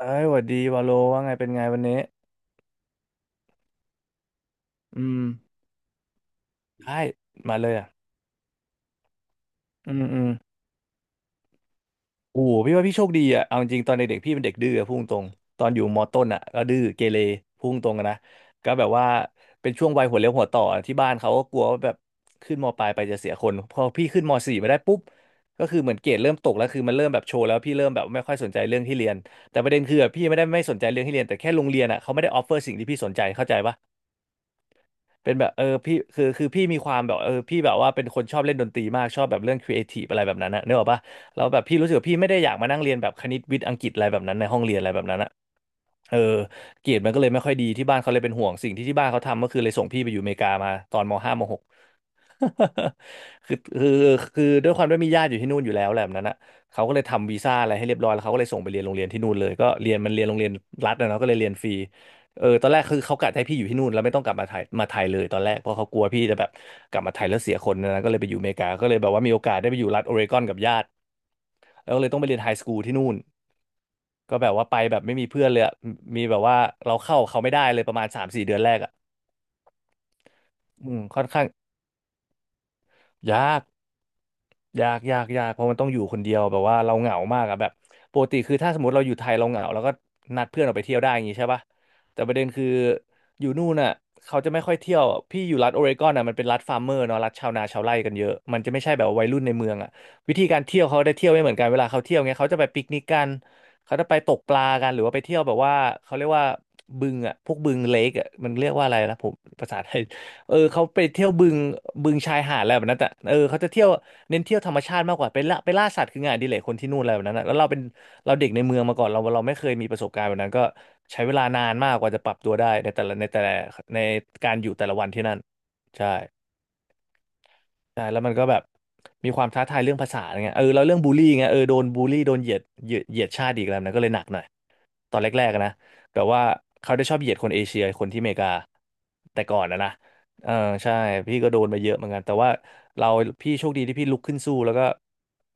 เอ้ยหวัดดีวาโลว่าไงเป็นไงวันนี้อืมได้มาเลยอ่ะอืมอืมโอ้โหพี่ว่าพี่โชคดีอ่ะเอาจริงๆตอนเด็กๆพี่เป็นเด็กดื้ออะพุ่งตรงตอนอยู่มอต้นอ่ะก็ดื้อเกเรพุ่งตรงอะนะก็แบบว่าเป็นช่วงวัยหัวเลี้ยวหัวต่อที่บ้านเขาก็กลัวว่าแบบขึ้นมปลายไปจะเสียคนพอพี่ขึ้นมสี่ไมาได้ปุ๊บก็คือเหมือนเกรดเริ่มตกแล้วคือมันเริ่มแบบโชว์แล้วพี่เริ่มแบบไม่ค่อยสนใจเรื่องที่เรียนแต่ประเด็นคืออะพี่ไม่ได้ไม่สนใจเรื่องที่เรียนแต่แค่โรงเรียนอ่ะเขาไม่ได้ออฟเฟอร์สิ่งที่พี่สนใจเข้าใจปะ เป็นแบบเออพี่คือพี่มีความแบบเออพี่แบบว่าเป็นคนชอบเล่นดนตรีมากชอบแบบเรื่องครีเอทีฟอะไรแบบนั้นนะเนกออกปะแล้วแบบพี่รู้สึกว่าพี่ไม่ได้อยากมานั่งเรียนแบบคณิตวิทย์อังกฤษอะไรแบบนั้นในห้องเรียนอะไรแบบนั้นอะเออเกรดมันก็เลยไม่ค่อยดีที่บ้านเขาเลยเป็นห่วงสิ่งที่บ้านเขาทำก็คือเลยส่งพี่ไปอยู่อเมริกามาตอนมห้ามหก คือคือคือด้วยความที่มีญาติอยู่ที่นู่นอยู่แล้วแหละแบบนั้นนะเขาก็เลยทำวีซ่าอะไรให้เรียบร้อยแล้วเขาก็เลยส่งไปเรียนโรงเรียนที่นู่นเลยก็เรียนมันเรียนโรงเรียนรัฐนะเนาะก็เลยเรียนฟรี เออตอนแรกคือเขากะให้พี่อยู่ที่นู่นแล้วไม่ต้องกลับมาไทยเลยตอนแรกเพราะเขากลัวพี่จะแบบกลับมาไทยแล้วเสียคนนะก็เลยไปอยู่อเมริกาก็เลยแบบว่ามีโอกาสได้ไปอยู่รัฐโอเรกอนกับญาติแล้วก็เลยต้องไปเรียนไฮสคูลที่นู่นก็แบบว่าไปแบบไม่มีเพื่อนเลยอะมีแบบว่าเราเข้าเขาไม่ได้เลยประมาณสามสี่เดือนแรกอ่ะอืมค่อนข้างยาก ยากยากยากเพราะมันต้องอยู่คนเดียวแบบว่าเราเหงามากอะแบบปกติคือถ้าสมมติเราอยู่ไทยเราเหงาเราก็นัดเพื่อนออกไปเที่ยวได้อย่างงี้ใช่ปะแต่ประเด็นคืออยู่นู่นน่ะเขาจะไม่ค่อยเที่ยวพี่อยู่รัฐโอเรกอนน่ะมันเป็นรัฐฟาร์มเมอร์เนาะรัฐชาวนาชาวไร่กันเยอะมันจะไม่ใช่แบบวัยรุ่นในเมืองอะวิธีการเที่ยวเขาได้เที่ยวไม่เหมือนกันเวลาเขาเที่ยวเงี้ยเขาจะไปปิกนิกกันเขาจะไปตกปลากันหรือว่าไปเที่ยวแบบว่าเขาเรียกว่าบึงอะพวกบึงเลกอะมันเรียกว่าอะไรนะผมภาษาไทย เออเขาไปเที่ยวบึงบึงชายหาดอะไรแบบนั้นแต่เออเขาจะเที่ยวเน้นเที่ยวธรรมชาติมากกว่าไปล่าสัตว์คืองานอดิเรกคนที่นู่นอะไรแบบนั้นนะแล้วเราเป็นเราเด็กในเมืองมาก่อนเราไม่เคยมีประสบการณ์แบบนั้นก็ใช้เวลานานมากกว่าจะปรับตัวได้ในแต่ละในการอยู่แต่ละวันที่นั่นใช่ใช่แล้วมันก็แบบมีความท้าทายเรื่องภาษาอะไรเงี้ยเออแล้วเรื่องบูลลี่เงี้ยเออโดนบูลลี่โดนเหยียดเหยียดชาติอีกแล้วนะก็เลยหนักหน่อย ตอนแรกๆอะนะแบบว่าเขาได้ชอบเหยียดคนเอเชียคนที่อเมริกาแต่ก่อนนะนะเออใช่พี่ก็โดนมาเยอะเหมือนกันแต่ว่าเราพี่โชคดีที่พี่ลุกขึ้นสู้แล้วก็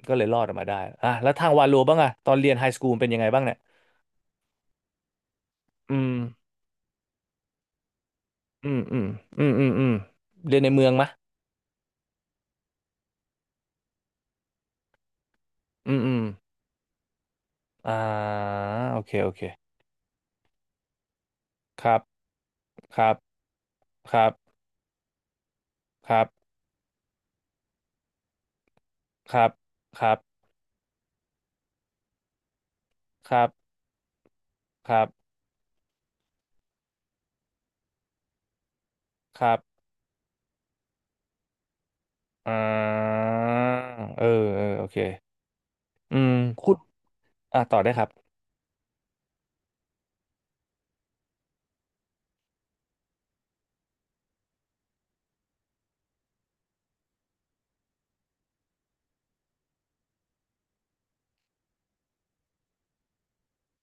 ก็เลยรอดออกมาได้อ่ะแล้วทางวาโลบ้างอะตอนเรียนไฮสคูลเป็นยังไงบ้างเนี่ยอืมอืมอืมอืมอืมอืมเรียนในเมืองมะอืมอืมอ่าโอเคโอเคครับครับครับครับครับครับครับครับครับอ่าเออเออโอเคอืมคุณ อ่ะต่อได้ครับ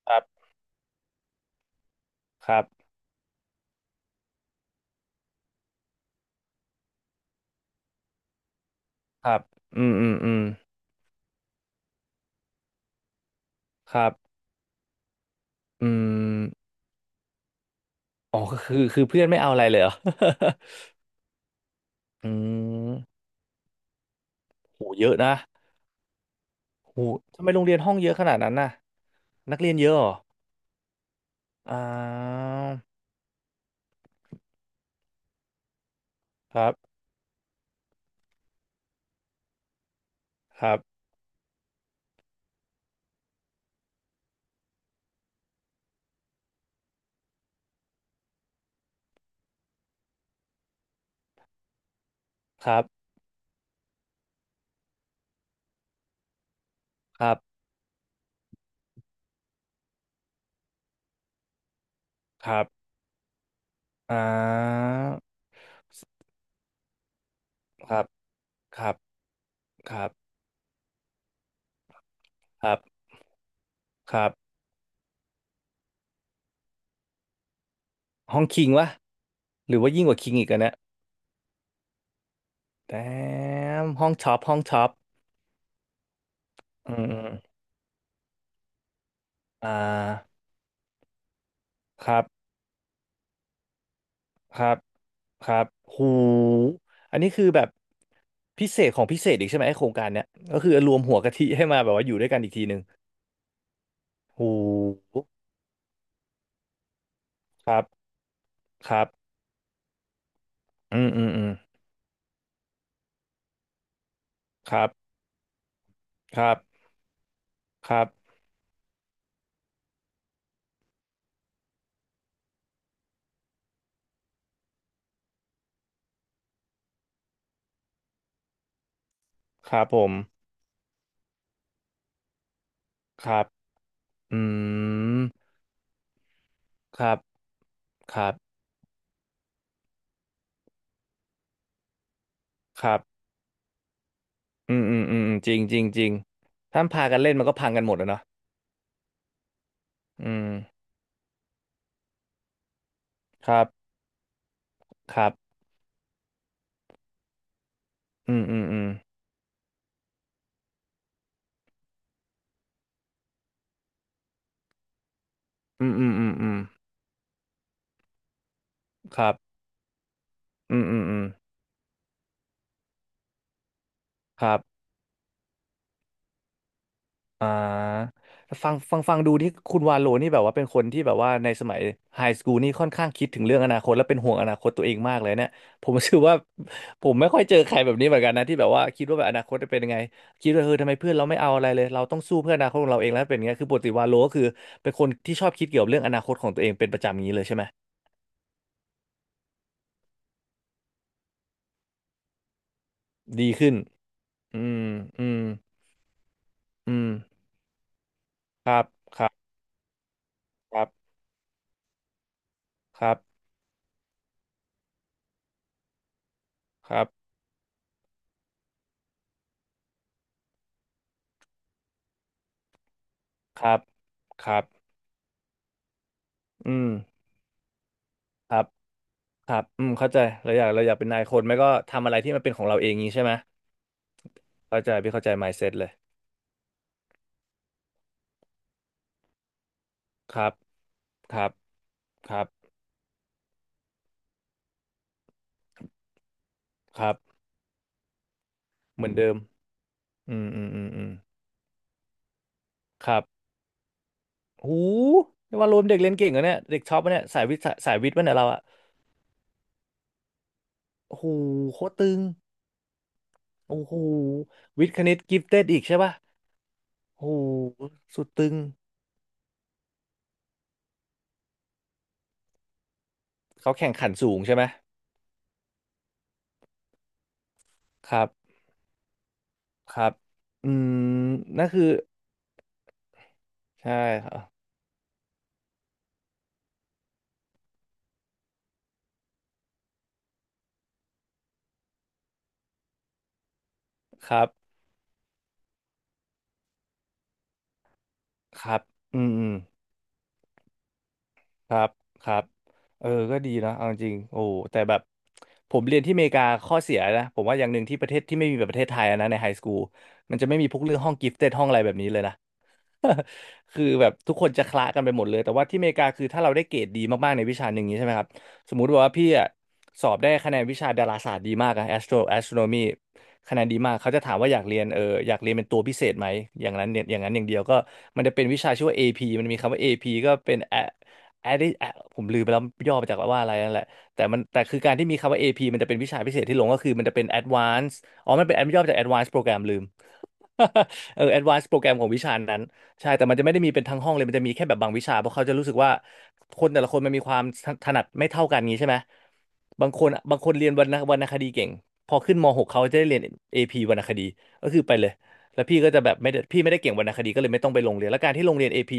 ครับครับครับอืมอืมอืมครับอืมอ๋อคือเพื่อนไม่เอาอะไรเลยเหรอ อืมโหเยอะนะโหทำไมโรงเรียนห้องเยอะขนาดนั้นน่ะนักเรียนเยอะเหรออ่าครับครับครับครับครับอ่าครับครับครับครับครับห้องคิงวะหรือว่ายิ่งกว่าคิงอีกอะเนี่ยแตมห้องช็อปอืมอมอ่าครับ ครับครับหูอันนี้คือแบบพิเศษของพิเศษอีกใช่ไหมไอ้โครงการเนี้ยก็คือรวมหัวกะทิให้มาแบบว่าอยู่ด้วยกันอีกทีหนึ่งหูครับครับอืมอืมอืมครับครับครับครับผมครับอืมครับครับครับอืมอืมอืมอืมจริงจริงจริงถ้าพากันเล่นมันก็พังกันหมดแล้วเนาะอืมครับครับอืมอืมอืมอืมอืมอืมอืมครับอืมอืมอืมครับ อ่าฟังฟังฟังดูที่คุณวาโลนี่แบบว่าเป็นคนที่แบบว่าในสมัยไฮสคูลนี่ค่อนข้างคิดถึงเรื่องอนาคตและเป็นห่วงอนาคตตัวเองมากเลยเนี่ย ผมรู้สึกว่าผมไม่ค่อยเจอใครแบบนี้เหมือนกันนะที่แบบว่าคิดว่าแบบอนาคตจะเป็นยังไงคิดว่าเออทำไมเพื่อนเราไม่เอาอะไรเลยเราต้องสู้เพื่ออนาคตของเราเองแล้วเป็นอย่างเงี้ยคือปกติวาโลก็คือเป็นคนที่ชอบคิดเกี่ยวกับเรื่องอนาคตของตัวเองเป็นประจำอย่างนี้เลยใช่ไหมดีขึ้นอืมอืมอืมครับครับครับครับครับครับครับอืมครับ ครับอืมเข้าใจเราอยากเป็นนายคนไม่ก็ทำอะไรที่มันเป็นของเราเองงี้ใช่ไหมเข้าใจพี่เข้าใจ mindset เลย ครับครับครับครับ เหมือนเดิม อืม อืมอืมอืมครับหูนี่ว่ารวมเด็กเรียนเก่งเหรอเนี่ย เด็กชอบปะเนี่ยสายวิทย์สายวิทย์ปะเนี่ยเราอะโอ้โหโคตรตึงโอ้โหวิทย์คณิตกิฟเต็ดอีกใช่ปะโอ้โหสุดตึง เขาแข่งขันสูงใช่ไหมครับครับอืมนั่นคือใช่ครับครับครับอืมอืม ครับครับเออก็ดีนะเอาจริงโอ้แต่แบบผมเรียนที่อเมริกาข้อเสียนะผมว่าอย่างหนึ่งที่ประเทศที่ไม่มีแบบประเทศไทยอะนะในไฮสคูลมันจะไม่มีพวกเรื่องห้องกิฟเต็ดห้องอะไรแบบนี้เลยนะ คือแบบทุกคนจะคละกันไปหมดเลยแต่ว่าที่อเมริกาคือถ้าเราได้เกรดดีมากๆในวิชาหนึ่งอย่างนี้ใช่ไหมครับสมมุติว่าพี่อะสอบได้คะแนนวิชาดาราศาสตร์ดีมากอะ astronomy คะแนนดีมากเขาจะถามว่าอยากเรียนเอออยากเรียนเป็นตัวพิเศษไหมอย่างนั้นเนี่ยอย่างนั้นอย่างเดียวก็มันจะเป็นวิชาชื่อว่าเอพีมันมีคำว่าเอพีก็เป็น Adผมลืมไปแล้วย่อมาจากว่าอะไรนั่นแหละแต่คือการที่มีคำว่า AP มันจะเป็นวิชาพิเศษที่ลงก็คือมันจะเป็น Advanced อ๋อมันเป็น ย่อมาจาก Advanced Program ลืม เออ Advanced Program ของวิชานั้นใช่แต่มันจะไม่ได้มีเป็นทั้งห้องเลยมันจะมีแค่แบบบางวิชาเพราะเขาจะรู้สึกว่าคนแต่ละคนมันมีความถนัดไม่เท่ากันงี้ใช่ไหมบางคนบางคนเรียนวรรณคดีเก่งพอขึ้นมหกเขาจะได้เรียนเอพีวรรณคดีก็คือไปเลยแล้วพี่ก็จะแบบไม่ได้พี่ไม่ได้เก่งวรรณคดีก็เลยไม่ต้องไปโรงเรียนแล้วการที่โรงเรียนเอพี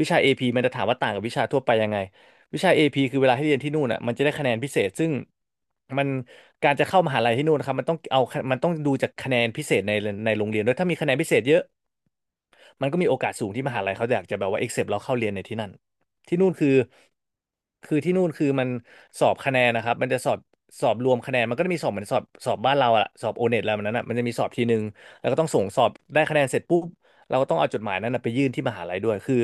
วิชาเอพีมันจะถามว่าต่างกับวิชาทั่วไปยังไง วิชา AP คือเวลาที่เรียนที่นู่นอ่ะมันจะได้คะแนนพิเศษซึ่งมันการจะเข้ามหาลัยที่นู่นนะครับมันต้องดูจากคะแนนพิเศษในในโรงเรียนด้วยถ้ามีคะแนนพิเศษเยอะ มันก็มีโอกาสสูงที่มหาลัยเขาอยากจะแบบว่า accept เราเข้าเรียนในที่นั่นที่นู่นคือคือที่นู่นคือมันสอบคะแนนนะครับมันจะสอบรวมคะแนนมันก็จะมีสอบเหมือนสอบบ้านเราอะสอบโอเน็ตอะไรแบบนั้นอะมันจะมีสอบทีหนึ่งแล้วก็ต้องส่งสอบได้คะแนนเสร็จปุ๊บเราก็ต้องเอาจดหมายนั้นนะไปยื่นที่มหาลัยด้วยคือ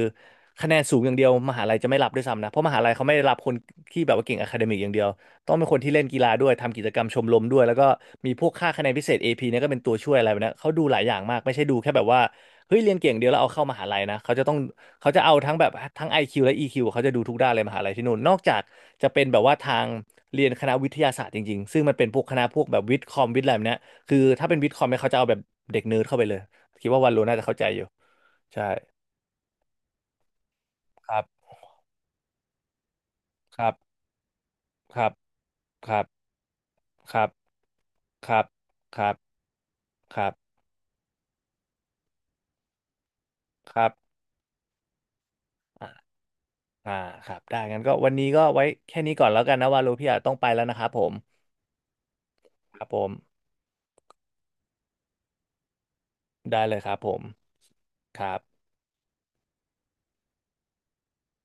คะแนนสูงอย่างเดียวมหาลัยจะไม่รับด้วยซ้ำนะเพราะมหาลัยเขาไม่ได้รับคนที่แบบว่าเก่งอะคาเดมิกอย่างเดียวต้องเป็นคนที่เล่นกีฬาด้วยทำกิจกรรมชมรมด้วยแล้วก็มีพวกค่าคะแนนพิเศษ AP เนี่ยก็เป็นตัวช่วยอะไรแบบนี้ยเขาดูหลายอย่างมากไม่ใช่ดูแค่แบบว่า เฮ้ยเรียนเก่งเดียวแล้วเอาเข้ามหาลัยนะเขาจะเอาทั้งแบบทั้ง IQ และอีคิวเขาจะดูทุกด้านเลยมหาลัยที่นู่นนอกจากจะเป็นแบบว่าทางเรียนคณะวิทยาศาสตร์จริงๆซึ่งมันเป็นพวกคณะพวกแบบวิทย์คอมวิทย์อะไรแบบเนี้ยคือถ้าเป็นวิทย์คอมเนี่ยเขาจะเอาแบบเด็กเนิร์ดเข้าไปเลยคิดว่าวันรน่าจะเข้าใจอยู่ใช่ครับครับครับครับครับครับครับครับครับอ่าอ่าครับได้งั้นก็วันนี้ก็ไว้แค่นี้ก่อนแล้วกันนะว่ารูพี่อาจต้องไปแล้วนะครับผมครับผมได้เลยครับผมครับ